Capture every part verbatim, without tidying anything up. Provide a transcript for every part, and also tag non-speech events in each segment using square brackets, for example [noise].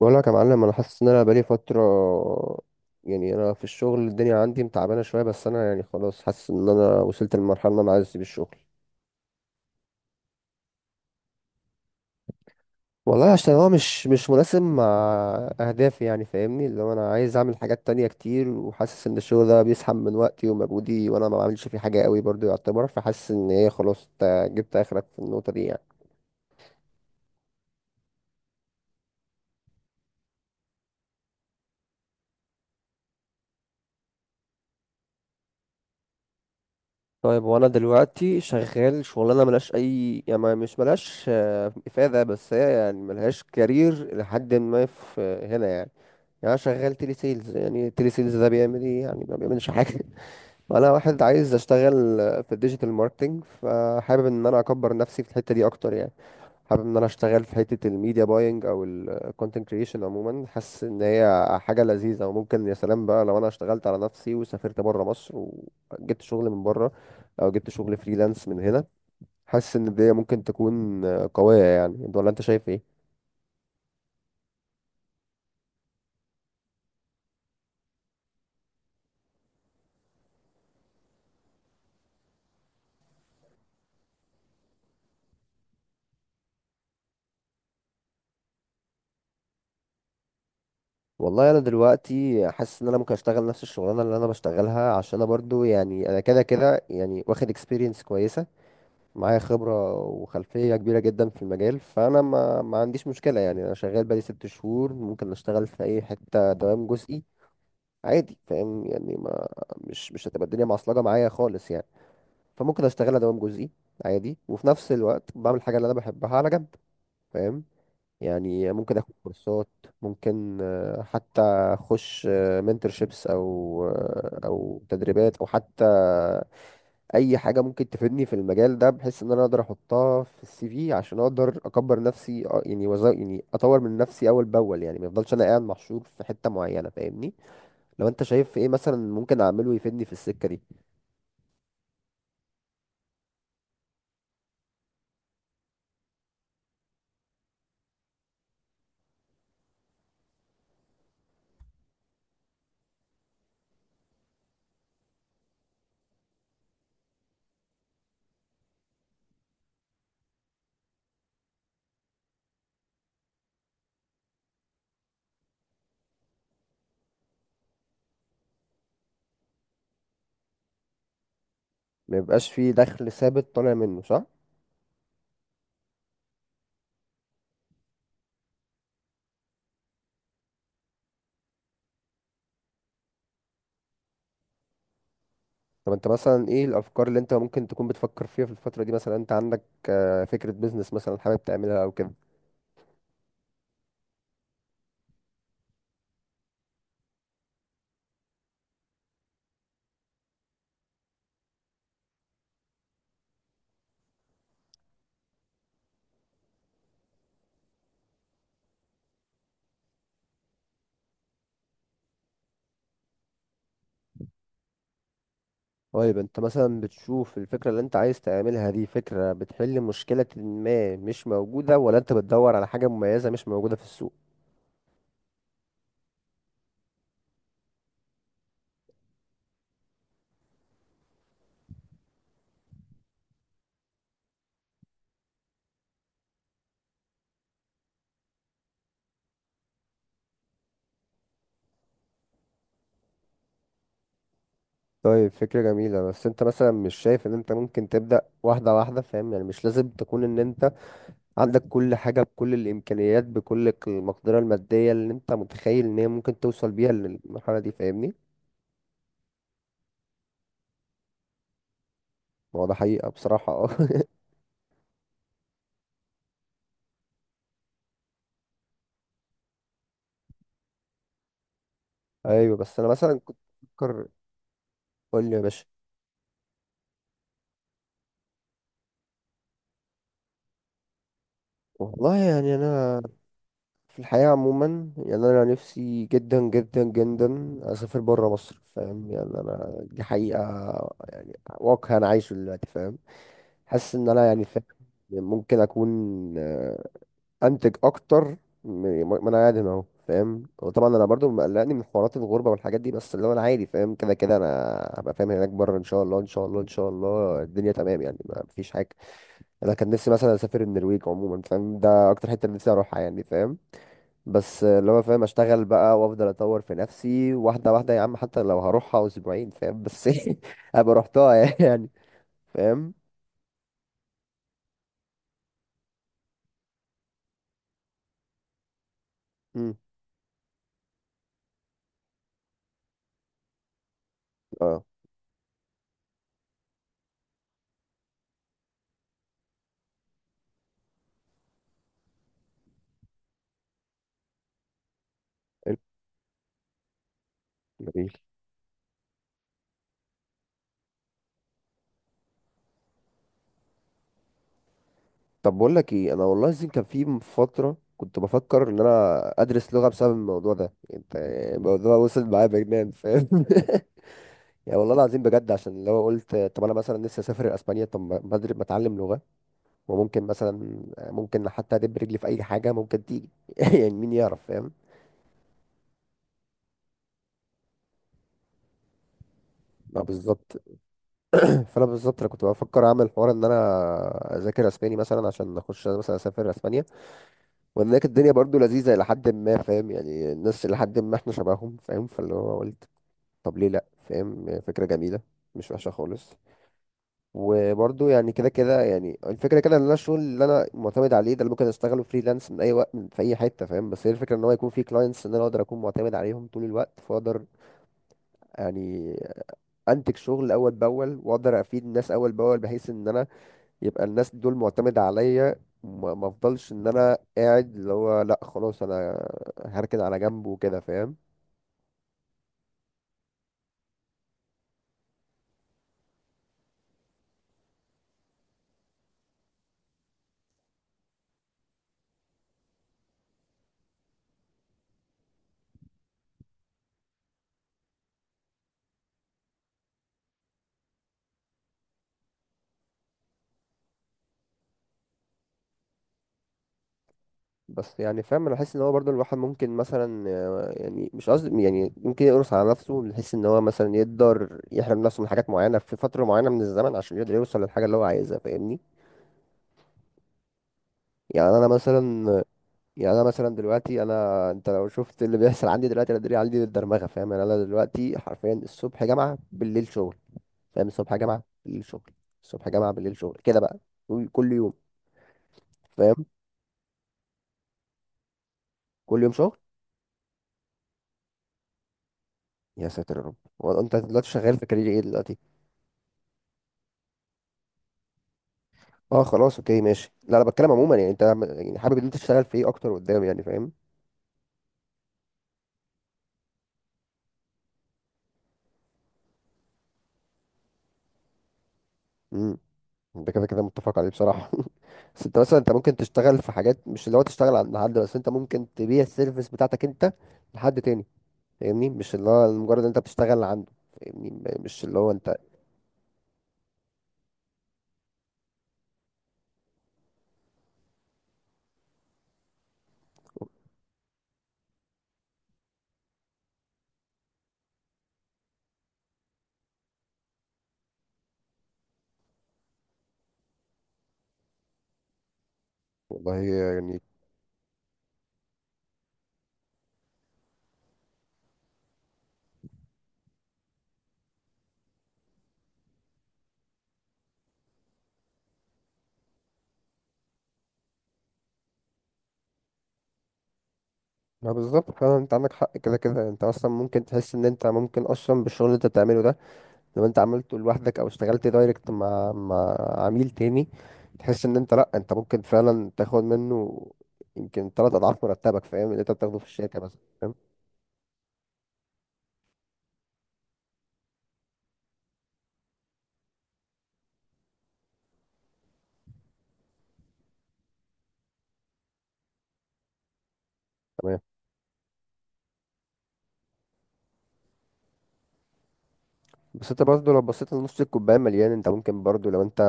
بقول لك يا معلم، انا حاسس ان انا بقالي فتره، يعني انا في الشغل الدنيا عندي متعبانه شويه، بس انا يعني خلاص حاسس ان انا وصلت للمرحله اللي انا عايز اسيب الشغل. والله عشان هو مش مش مناسب مع اهدافي، يعني فاهمني، اللي هو انا عايز اعمل حاجات تانية كتير، وحاسس ان الشغل ده بيسحب من وقتي ومجهودي وانا ما بعملش فيه حاجه قوي برضو يعتبر، فحاسس ان هي خلاص إنت جبت اخرك في النقطه دي يعني. طيب وانا دلوقتي شغال شغلانه ملهاش اي، يعني ما- مش ملهاش آه، افاده، بس هي يعني ملهاش كارير لحد ما في آه، هنا يعني. يعني انا شغال تيلي سيلز، يعني تيلي سيلز ده بيعمل ايه؟ يعني ما بيعملش حاجه [laughs] وانا واحد عايز اشتغل آه، في الديجيتال ماركتنج، فحابب ان انا اكبر نفسي في الحته دي اكتر يعني. حابب ان انا اشتغل في حتة الميديا باينج او الكونتنت كريشن عموما، حاسس ان هي حاجة لذيذة. وممكن يا سلام بقى لو انا اشتغلت على نفسي وسافرت بره مصر وجبت شغل من بره، او جبت شغل فريلانس من هنا، حاسس ان دي ممكن تكون قوية، يعني انت ولا انت شايف ايه؟ والله انا دلوقتي حاسس ان انا ممكن اشتغل نفس الشغلانه اللي انا بشتغلها، عشان انا برضو يعني انا كده كده يعني واخد اكسبيرينس كويسه معايا، خبرة وخلفية كبيرة جدا في المجال. فأنا ما, ما عنديش مشكلة، يعني أنا شغال بقالي ست شهور، ممكن أشتغل في أي حتة دوام جزئي عادي، فاهم يعني؟ ما مش مش هتبقى الدنيا معصلجة معايا خالص يعني، فممكن أشتغلها دوام جزئي عادي، وفي نفس الوقت بعمل حاجة اللي أنا بحبها على جنب، فاهم؟ يعني ممكن آخد كورسات، ممكن آه، حتى أخش منتورشيبس، أو آه، أو تدريبات، أو حتى اي حاجه ممكن تفيدني في المجال ده، بحيث ان انا اقدر احطها في السي في عشان اقدر اكبر نفسي، أ- يعني وز... يعني اطور من نفسي اول باول، يعني ما يفضلش انا قاعد محشور في حته معينه، فاهمني؟ لو انت شايف ايه مثلا ممكن اعمله يفيدني في السكه دي. ما يبقاش في دخل ثابت طالع منه، صح. طب انت مثلا ايه الافكار اللي انت ممكن تكون بتفكر فيها في الفتره دي؟ مثلا انت عندك آه، فكره بيزنس مثلا حابب تعملها او كده؟ طيب انت مثلا بتشوف الفكرة اللي انت عايز تعملها دي فكرة بتحل مشكلة ما مش موجودة، ولا انت بتدور على حاجة مميزة مش موجودة في السوق؟ طيب فكرة جميلة، بس انت مثلا مش شايف ان انت ممكن تبدأ واحدة واحدة؟ فاهم يعني؟ مش لازم تكون ان انت عندك كل حاجة، بكل الامكانيات، بكل ك- المقدرة المادية اللي انت متخيل ان هي ممكن توصل بيها للمرحلة دي، فاهمني؟ ما هو ده حقيقة بصراحة، اه [laughs] ايوه بس انا مثلا كنت بفكر. قول لي يا باشا. والله يعني انا في الحياة عموما، يعني أنا نفسي جدا جدا جدا أسافر برا مصر، فاهم يعني؟ أنا دي حقيقة، يعني واقع أنا عايشه دلوقتي، فاهم؟ حاسس إن أنا يعني، فاهم، ممكن أكون آه، أنتج أكتر. م- ما أنا قاعد هنا أهو، فاهم؟ وطبعا أنا برضو مقلقني من حوارات الغربة والحاجات دي، بس اللي هو أنا عادي، فاهم كده كده أنا هبقى فاهم هناك برا إن شاء الله، إن شاء الله إن شاء الله الدنيا تمام، يعني ما فيش حاجة. أنا كان نفسي مثلا أسافر النرويج عموما، فاهم؟ ده أكتر حتة نفسي أروحها يعني، فاهم؟ بس اللي هو فاهم، اشتغل بقى وافضل اطور في نفسي واحده واحده يا عم، حتى لو هروحها اسبوعين، فاهم؟ بس [laughs] ابقى رحتها يعني، فاهم. مم. اه حلو، جميل. طب بقول لك ايه، انا والله العظيم كان في فتره كنت بفكر ان انا ادرس لغه بسبب الموضوع ده. انت الموضوع وصل معايا بجنان، فاهم [laughs] يعني والله العظيم بجد، عشان لو قلت طب انا مثلا نفسي اسافر اسبانيا، طب ما ما أدر- ما اتعلم لغه. وممكن مثلا، ممكن حتى ادب رجلي في اي حاجه ممكن تيجي [laughs] يعني مين يعرف، فاهم؟ ما بالظبط. فانا بالظبط انا كنت بفكر اعمل حوار ان انا اذاكر اسباني مثلا عشان اخش مثلا اسافر اسبانيا، وان هناك الدنيا برضو لذيذه الى حد ما، فاهم يعني، الناس الى حد ما احنا شبههم، فاهم. فاللي هو قلت، طب ليه لا، فاهم؟ فكره جميله، مش وحشه خالص. وبرضو يعني كده كده، يعني الفكره كده ان انا الشغل اللي انا معتمد عليه ده اللي ممكن اشتغله فريلانس من اي وقت، من في اي حته، فاهم. بس هي الفكره ان هو يكون في كلاينتس ان انا اقدر اكون معتمد عليهم طول الوقت، فاقدر يعني انتج شغل اول باول، واقدر افيد الناس اول باول، بحيث ان انا يبقى الناس دول معتمدة عليا، ما ما افضلش ان انا قاعد اللي هو لا خلاص انا هركن على جنب وكده، فاهم. بس يعني فاهم، انا بحس ان هو برضو الواحد ممكن مثلا آه، يعني مش قصدي، يعني ممكن يقرص على نفسه، من حيث ان هو مثلا يقدر يحرم نفسه من حاجات معينة في فترة معينة من الزمن، عشان يقدر يوصل للحاجة اللي هو عايزها، فاهمني؟ يعني انا مثلا، يعني انا مثلا دلوقتي، انا انت لو شفت اللي بيحصل عندي دلوقتي، انا دلوقتي عندي الدرمغة، فاهم يعني؟ انا دلوقتي حرفيا الصبح جامعة بالليل شغل، فاهم؟ الصبح جامعة بالليل شغل. الصبح جامعة بالليل شغل كده بقى، كل كل يوم، فاهم؟ كل يوم شغل. يا ساتر يا رب. هو انت دلوقتي شغال في كارير ايه دلوقتي؟ اه خلاص، اوكي، ماشي. لا انا بتكلم عموما يعني، انت عم- يعني حابب ان انت تشتغل في ايه اكتر قدام يعني، فاهم؟ امم، ده كده كده متفق عليه بصراحة [laughs] بس انت مثلا انت ممكن تشتغل في حاجات، مش اللي هو تشتغل عند حد، بس انت ممكن تبيع السيرفيس بتاعتك انت لحد تاني، فاهمني؟ مش اللي هو مجرد انت بتشتغل عنده، فاهمني، م- مش اللي هو انت. والله يعني ما بالظبط، فعلا انت عندك حق، كده كده انت اصلا ممكن تحس ان انت ممكن اصلا بالشغل اللي انت بتعمله ده، لو انت عملته لوحدك او اشتغلت دايركت مع مع عميل تاني، تحس ان انت لا انت ممكن فعلا تاخد منه يمكن تلات اضعاف مرتبك، فاهم، اللي انت بتاخده في الشركه مثلا، فاهم؟ تمام. بس انت برضه لو بصيت لنص الكوبايه مليان، انت ممكن برضه لو انت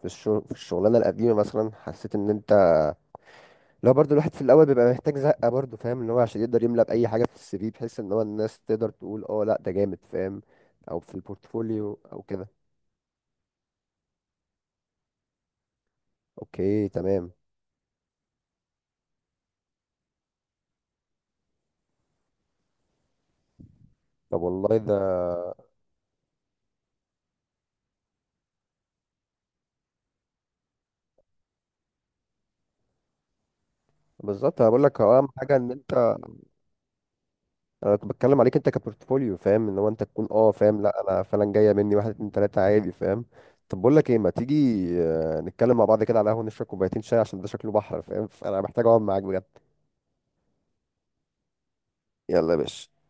في الشغل في الشغلانه القديمه مثلا حسيت ان انت، لا برضو الواحد في الاول بيبقى محتاج زقه برضو، فاهم، ان هو عشان يقدر يملى باي حاجه في السي في، بحيث ان هو الناس تقدر تقول اه لا ده جامد، فاهم، او في البورتفوليو او كده. اوكي تمام. طب والله ده بالظبط، انا بقول لك هو اهم حاجه ان انت، انا كنت بتكلم عليك انت كبورتفوليو، فاهم، ان هو انت تكون اه فاهم، لا انا فعلا جايه مني واحد اتنين تلاته عادي، فاهم. طب بقول لك ايه، ما تيجي آه، نتكلم مع بعض كده على قهوه، نشرب كوبايتين شاي، عشان ده شكله بحر، فاهم؟ فانا محتاج اقعد معاك بجد. يلا يا باشا.